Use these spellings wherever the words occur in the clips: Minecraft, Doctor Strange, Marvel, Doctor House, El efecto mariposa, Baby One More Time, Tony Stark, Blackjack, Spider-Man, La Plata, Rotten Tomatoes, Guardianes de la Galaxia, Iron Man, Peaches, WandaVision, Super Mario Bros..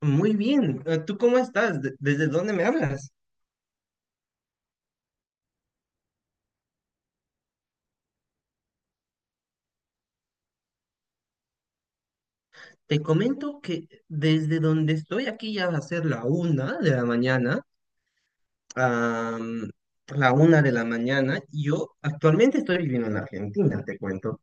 Muy bien, ¿tú cómo estás? ¿Desde dónde me hablas? Te comento que desde donde estoy aquí ya va a ser la 1 de la mañana, am, la 1 de la mañana. Yo actualmente estoy viviendo en Argentina, te cuento.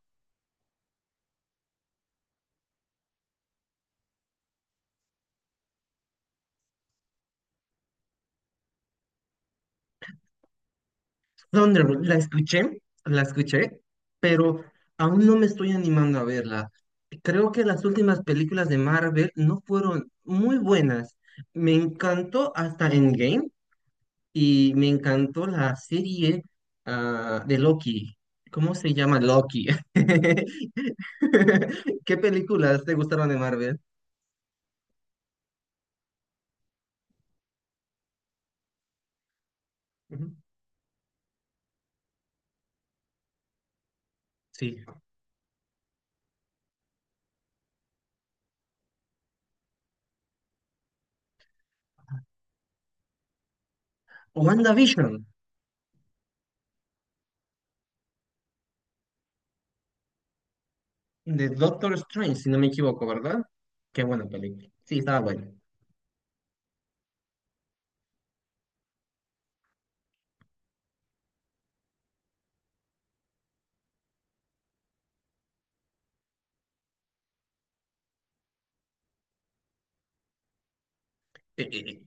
Donde la escuché, la escuché, pero aún no me estoy animando a verla. Creo que las últimas películas de Marvel no fueron muy buenas. Me encantó hasta Endgame, y me encantó la serie de Loki. ¿Cómo se llama Loki? ¿Qué películas te gustaron de Marvel? Ujú. Sí. WandaVision, de Doctor Strange, si no me equivoco, ¿verdad? Qué buena película. Sí, estaba bueno.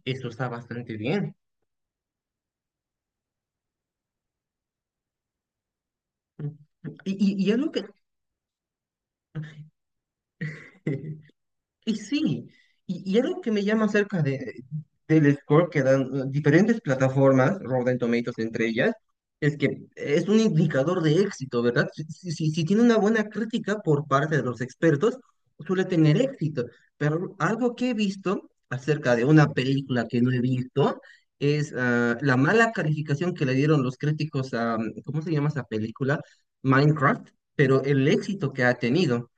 Eso está bastante bien. Y algo que... Y sí, y algo que me llama acerca del score que dan diferentes plataformas, Rotten Tomatoes entre ellas, es que es un indicador de éxito, ¿verdad? Si tiene una buena crítica por parte de los expertos, suele tener éxito. Pero algo que he visto acerca de una película que no he visto es la mala calificación que le dieron los críticos a, ¿cómo se llama esa película? Minecraft, pero el éxito que ha tenido.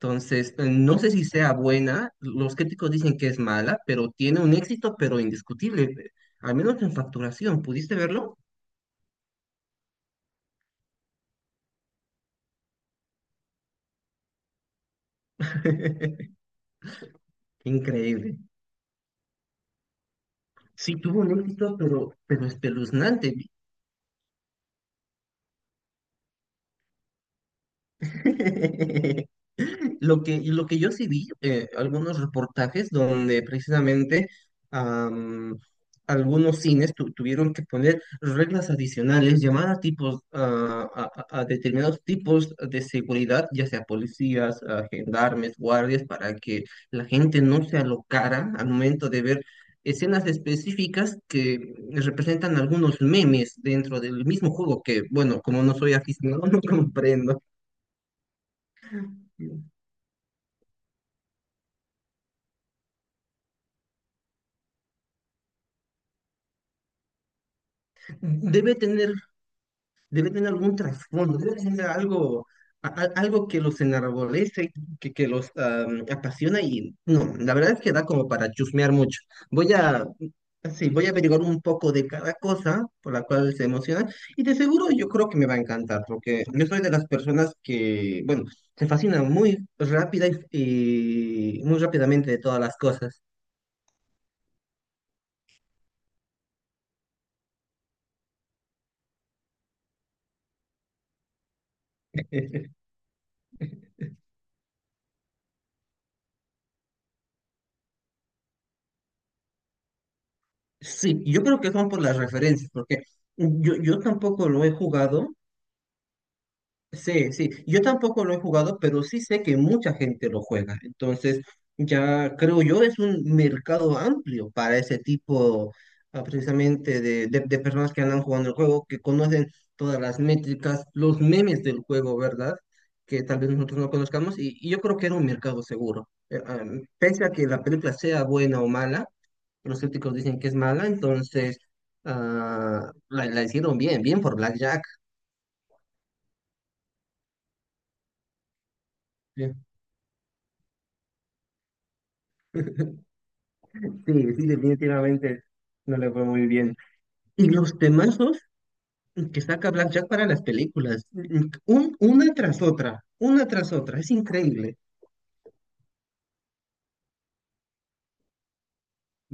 Entonces, no sé si sea buena, los críticos dicen que es mala, pero tiene un éxito, pero indiscutible, al menos en facturación, ¿pudiste verlo? Increíble. Sí, tuvo un éxito, pero espeluznante. Y lo que yo sí vi, algunos reportajes donde precisamente am, algunos cines tuvieron que poner reglas adicionales, llamar a tipos, a determinados tipos de seguridad, ya sea policías, a gendarmes, guardias, para que la gente no se alocara al momento de ver escenas específicas que representan algunos memes dentro del mismo juego, que bueno, como no soy aficionado, no comprendo. debe tener, Debe tener algún trasfondo, debe tener algo, algo que los enarbolece, que los apasiona y no, la verdad es que da como para chusmear mucho. Voy a, sí, voy a averiguar un poco de cada cosa por la cual se emociona y de seguro yo creo que me va a encantar porque yo soy de las personas que, bueno, se fascina muy rápida y, muy rápidamente de todas las cosas. Sí, yo creo que son por las referencias, porque yo tampoco lo he jugado, Sí, sí. Yo tampoco lo he jugado, pero sí sé que mucha gente lo juega. Entonces, ya creo yo es un mercado amplio para ese tipo, precisamente, de personas que andan jugando el juego, que conocen todas las métricas, los memes del juego, ¿verdad? Que tal vez nosotros no conozcamos. Y yo creo que era un mercado seguro. Pese a que la película sea buena o mala, los críticos dicen que es mala, entonces la hicieron bien, bien por Blackjack. Sí, sí, definitivamente no le fue muy bien. Y los temazos que saca Blackjack para las películas, una tras otra, una tras otra, es increíble.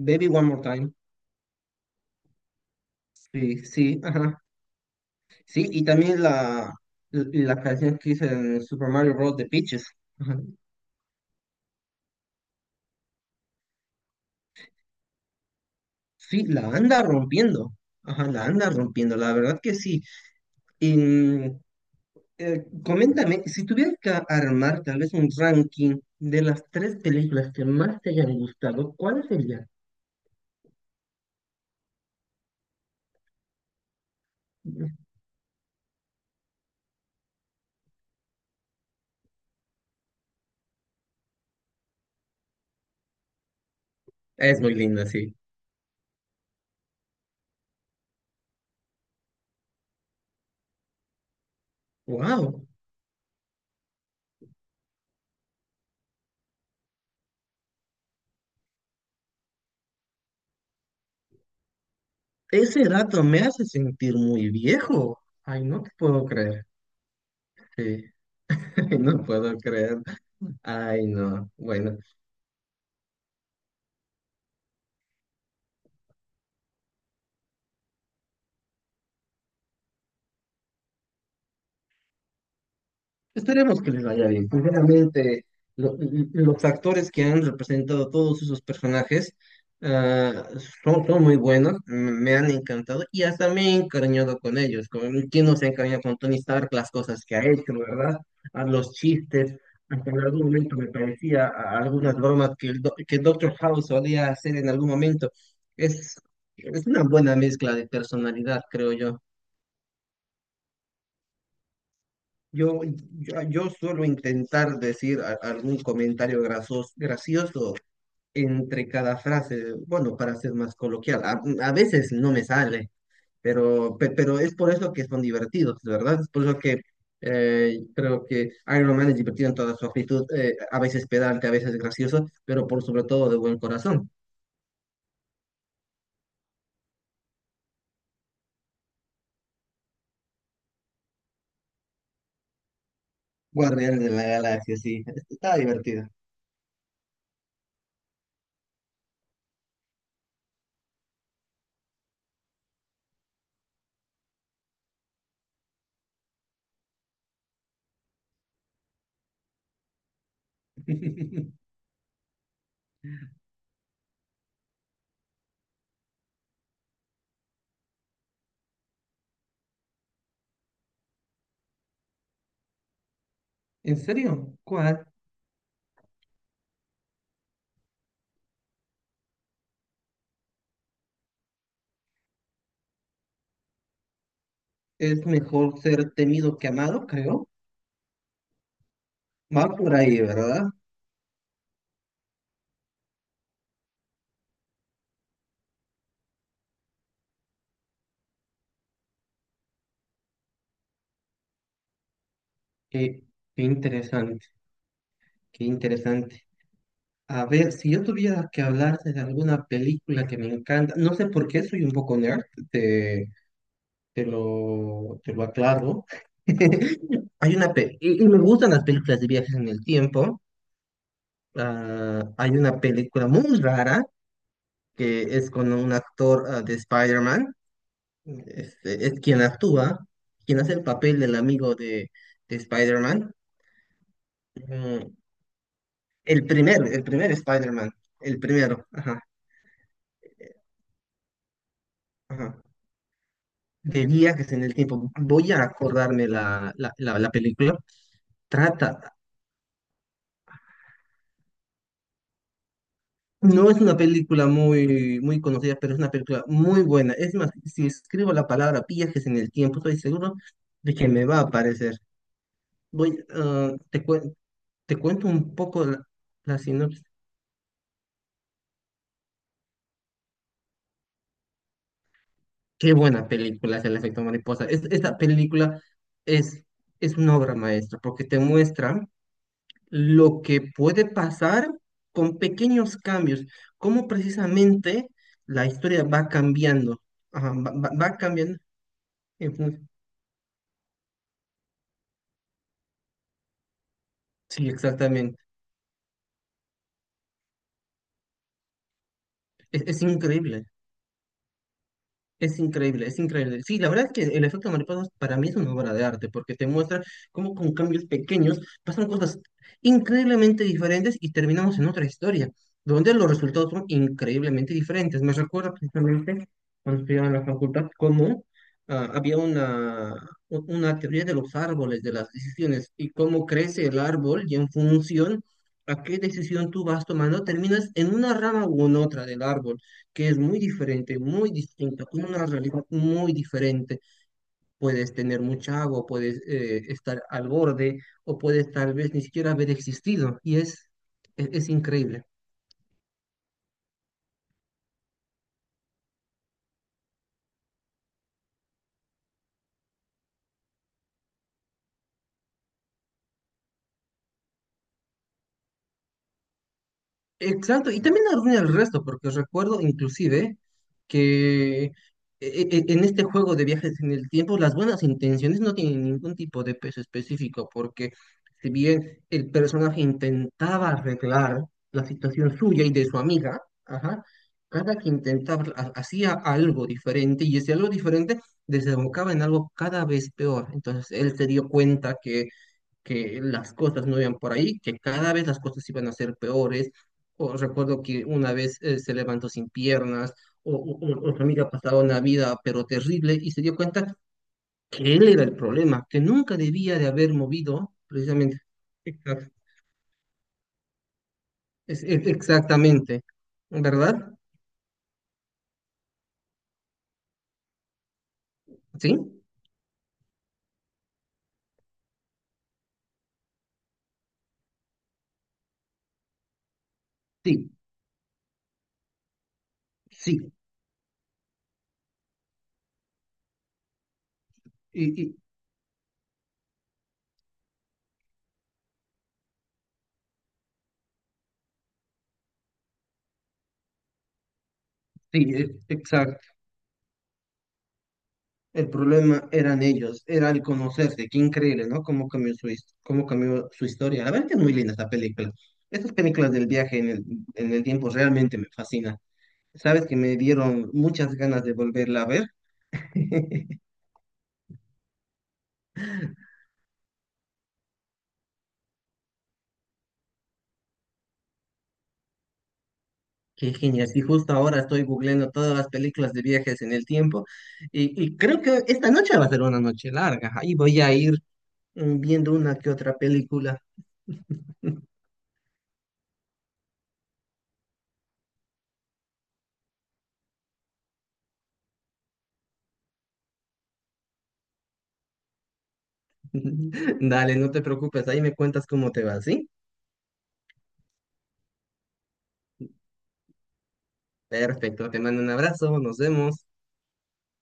Baby One More Time, sí, sí, ajá. Sí, y también la canción que hizo en Super Mario Bros. De Peaches, ajá. Sí, la anda rompiendo, ajá, la anda rompiendo, la verdad que sí. Y coméntame, si tuvieras que armar tal vez un ranking de las tres películas que más te hayan gustado, ¿cuál sería? Es muy linda, sí. Wow, ese dato me hace sentir muy viejo. Ay, no te puedo creer. Sí, no puedo creer. Ay, no. Bueno, esperemos que les vaya bien. Sinceramente, lo- los actores que han representado todos esos personajes ah, son muy buenos, me han encantado y hasta me he encariñado con ellos. ¿Quién no se ha encariñado con Tony Stark? Las cosas que ha hecho, ¿verdad? A los chistes. Hasta en algún momento me parecía a algunas bromas que Doctor House solía hacer en algún momento. Es, es una buena mezcla de personalidad, creo yo. Yo, yo suelo intentar decir algún comentario gracioso entre cada frase, bueno, para ser más coloquial. A veces no me sale, pero es por eso que son divertidos, ¿verdad? Es por eso que creo que Iron Man es divertido en toda su actitud, a veces pedante, a veces gracioso, pero por sobre todo de buen corazón. Guardianes de la Galaxia, sí, está divertido. ¿En serio? ¿Cuál? Es mejor ser temido que amado, creo. Va por ahí, ¿verdad? Qué, qué interesante, qué interesante. A ver, si yo tuviera que hablarte de alguna película que me encanta, no sé por qué soy un poco nerd, te, te lo aclaro. Hay una pe- y me gustan las películas de viajes en el tiempo. Hay una película muy rara que es con un actor de Spider-Man. Este, es quien actúa, quien hace el papel del amigo de Spider-Man. Mm, el primer Spider-Man, el primero, ajá, ajá. De viajes en el tiempo. Voy a acordarme la película. Trata, no es una película muy, muy conocida, pero es una película muy buena. Es más, si escribo la palabra viajes en el tiempo, estoy seguro de que me va a aparecer. Voy, ah, te, cuen- te cuento un poco la sinopsis. Qué buena película es El efecto mariposa. Esta película es, es una obra maestra porque te muestra lo que puede pasar con pequeños cambios, cómo precisamente la historia va cambiando, Ajá, va cambiando. en fun- Sí, exactamente. Es increíble. Es increíble, es increíble. Sí, la verdad es que el efecto mariposa para mí es una obra de arte, porque te muestra cómo con cambios pequeños pasan cosas increíblemente diferentes y terminamos en otra historia, donde los resultados son increíblemente diferentes. Me recuerdo precisamente cuando estudiaba en la facultad cómo había una teoría de los árboles, de las decisiones, y cómo crece el árbol y en función a qué decisión tú vas tomando, terminas en una rama u en otra del árbol que es muy diferente, muy distinta, con una realidad muy diferente. Puedes tener mucha agua, puedes estar al borde o puedes tal vez ni siquiera haber existido y es increíble. Exacto, y también arruina el resto, porque os recuerdo inclusive que en este juego de viajes en el tiempo las buenas intenciones no tienen ningún tipo de peso específico, porque si bien el personaje intentaba arreglar la situación suya y de su amiga, ajá, cada que intentaba hacía algo diferente y ese algo diferente desembocaba en algo cada vez peor. Entonces él se dio cuenta que las cosas no iban por ahí, que cada vez las cosas iban a ser peores. O recuerdo que una vez se levantó sin piernas, o su amiga pasaba una vida pero terrible y se dio cuenta que él era el problema, que nunca debía de haber movido precisamente. Exact- exactamente, ¿verdad? ¿Sí? Sí, sí. Y, y- sí, exacto. El problema eran ellos, era el conocerse. Qué increíble, ¿no? Cómo cambió su historia. La verdad que es muy linda esta película. Estas películas del viaje en el tiempo realmente me fascinan. Sabes que me dieron muchas ganas de volverla a ver. Qué genial. Y justo ahora estoy googleando todas las películas de viajes en el tiempo. Y creo que esta noche va a ser una noche larga. Ahí voy a ir viendo una que otra película. Dale, no te preocupes. Ahí me cuentas cómo te va, ¿sí? Perfecto, te mando un abrazo, nos vemos.